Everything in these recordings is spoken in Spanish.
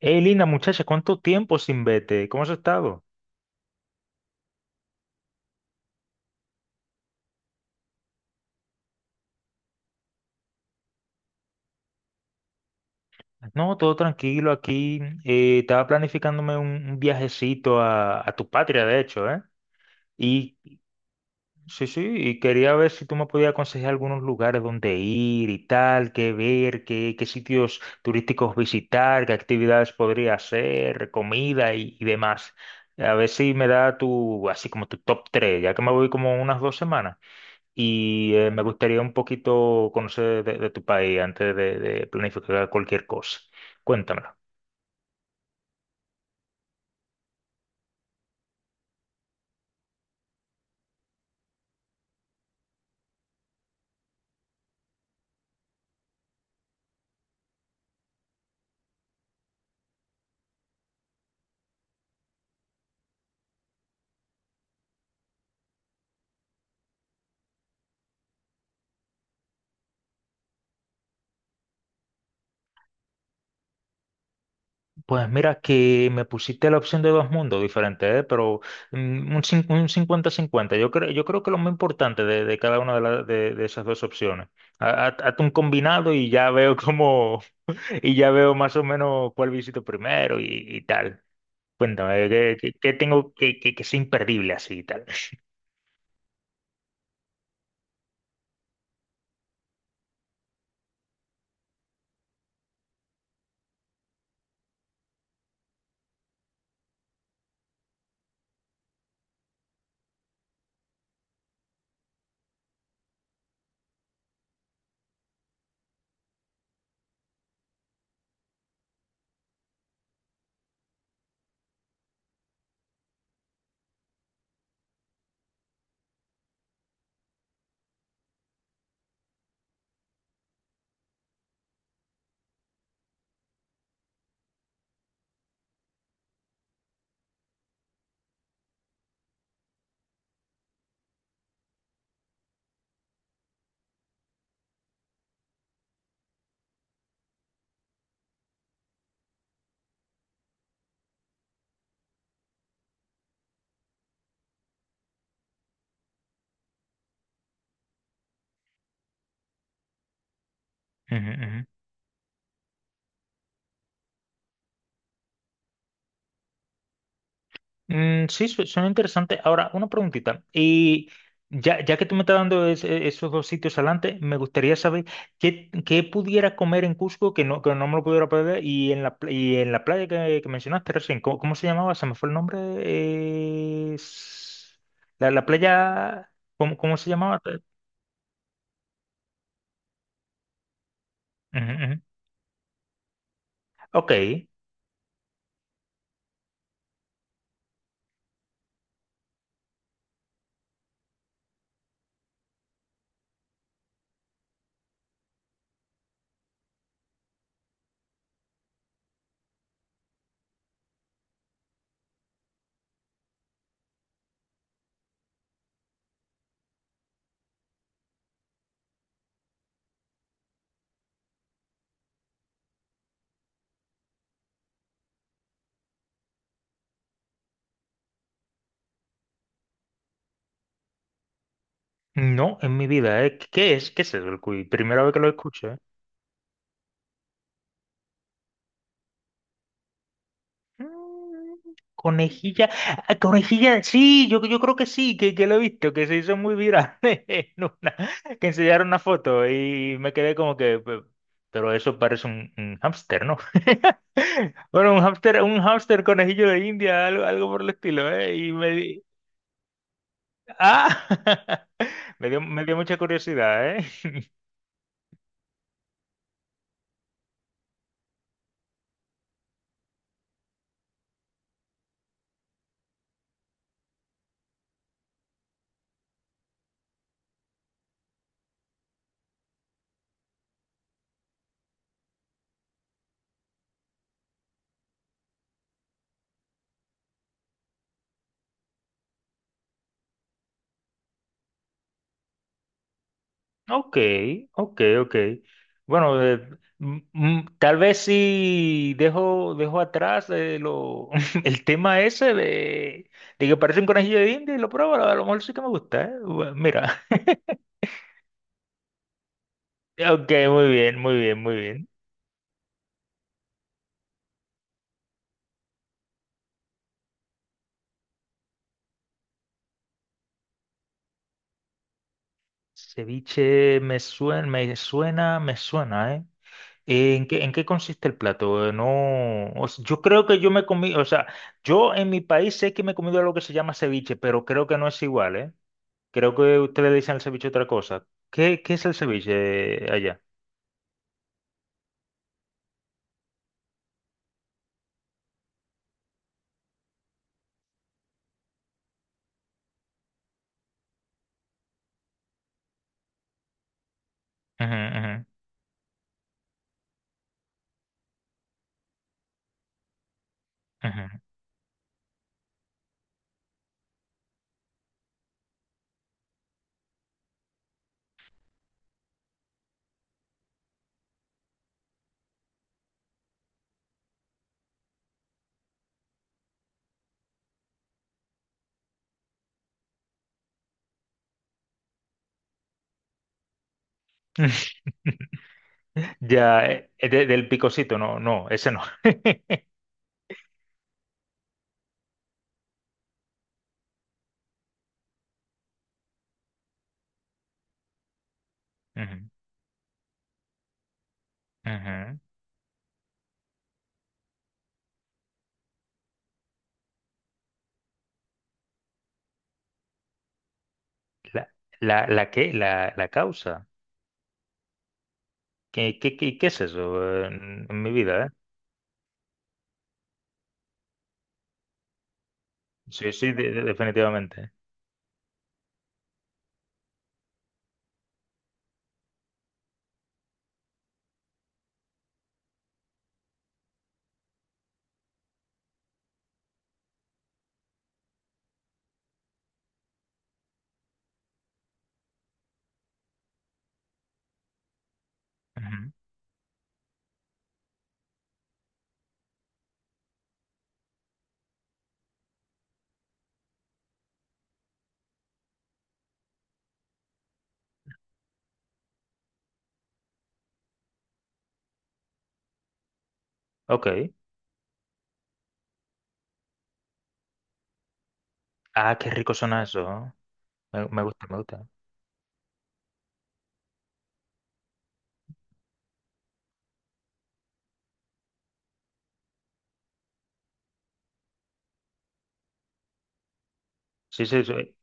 Hey, linda muchacha, ¿cuánto tiempo sin verte? ¿Cómo has estado? No, todo tranquilo aquí. Estaba planificándome un viajecito a tu patria, de hecho, ¿eh? Y sí, sí, y quería ver si tú me podías aconsejar algunos lugares donde ir y tal, qué ver, qué sitios turísticos visitar, qué actividades podría hacer, comida y demás. A ver si me da tu, así como tu top 3, ya que me voy como unas dos semanas. Y me gustaría un poquito conocer de tu país antes de planificar cualquier cosa. Cuéntamelo. Pues mira que me pusiste la opción de dos mundos diferentes, ¿eh? Pero un 50-50. Yo creo que lo más importante de cada una de esas dos opciones. Hazte un combinado y ya veo cómo, y ya veo más o menos cuál visito primero y tal. Cuéntame, ¿qué tengo que sea imperdible así y tal? Ujú, ujú. Mm, sí, suena interesante. Ahora, una preguntita. Y ya, ya que tú me estás dando esos dos sitios adelante, me gustaría saber qué pudiera comer en Cusco que no me lo pudiera perder. Y en y en la playa que mencionaste recién, ¿cómo se llamaba? Se me fue el nombre. La, la playa, ¿cómo se llamaba? Ujú, ujú. Ok, no, en mi vida, ¿eh? ¿Qué es? ¿Qué es eso, el cuy? Primera vez que lo escucho, ¿eh? Mm, conejilla, ah, conejilla, sí, yo creo que sí, que lo he visto, que se hizo muy viral en una, que enseñaron una foto y me quedé como que, pero eso parece un hámster, ¿no? Bueno, un hámster conejillo de India, algo, algo por el estilo, ¿eh? Y me di, ah, me dio mucha curiosidad, ¿eh? Ok, ok, ok. Bueno, tal vez sí dejo, dejo atrás el tema ese de que parece un conejillo de India y lo pruebo, a lo mejor sí que me gusta, ¿eh? Bueno, mira, ok, muy bien, muy bien, muy bien. Ceviche me suena, me suena, me suena, ¿eh? En qué consiste el plato? No, o sea, yo creo que yo me comí, o sea, yo en mi país sé que me he comido algo que se llama ceviche, pero creo que no es igual, ¿eh? Creo que ustedes le dicen al ceviche otra cosa. ¿Qué, qué es el ceviche allá? Ujú, ujú, ujú. Ya, del picocito, no, no, ese no. Ujú, ujú. ¿La, ¿la qué? ¿La causa? ¿Qué es eso en mi vida, eh? Sí, sí, definitivamente. Ujú. Ok. Ah, qué rico suena eso, ¿no? Me gusta, me gusta. Sí, sí, sí.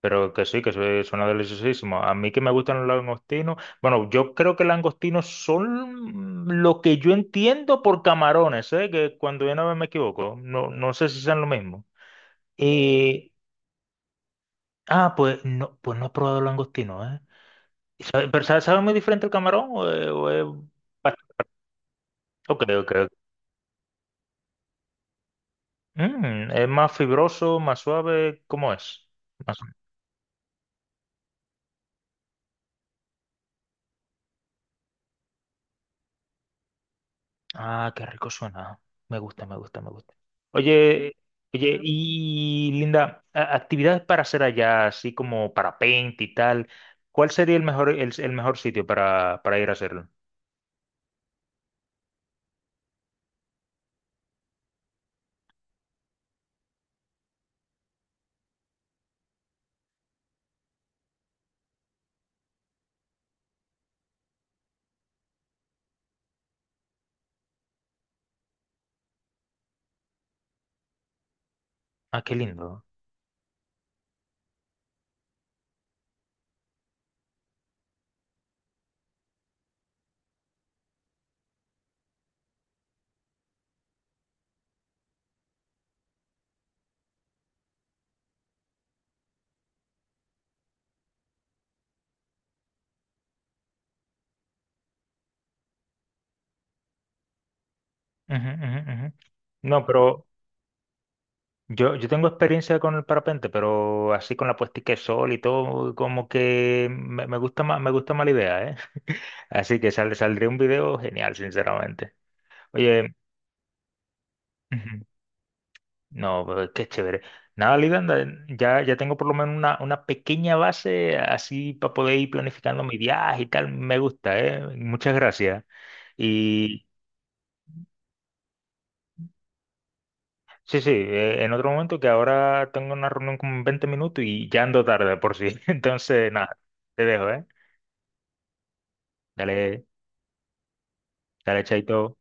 Pero que sí, que suena deliciosísimo. A mí que me gustan los langostinos. Bueno, yo creo que langostinos son lo que yo entiendo por camarones, ¿eh? Que cuando yo no me equivoco, no, no sé si sean lo mismo. y ah, pues no he probado langostinos, ¿eh? ¿Pero sabe, sabe muy diferente el camarón? ¿O es bast- ok, ok, ok. Mm, ¿es más fibroso, más suave? ¿Cómo es? Ah, qué rico suena. Me gusta, me gusta, me gusta. Oye, oye, y Linda, actividades para hacer allá, así como parapente y tal, ¿cuál sería el mejor, el mejor sitio para ir a hacerlo? Ah, qué lindo. Ujú, ujú, ujú. No, pero yo tengo experiencia con el parapente, pero así con la puestica de sol y todo, como que me, me gusta más la idea, ¿eh? Así que saldría un video genial, sinceramente. Oye, ujú. No, pero qué chévere. Nada, Lidanda, ya, ya tengo por lo menos una pequeña base así para poder ir planificando mi viaje y tal. Me gusta, ¿eh? Muchas gracias. Y sí, sí, en otro momento, que ahora tengo una reunión como en 20 minutos y ya ando tarde por si. Entonces, nada, te dejo, ¿eh? Dale, dale, chaito.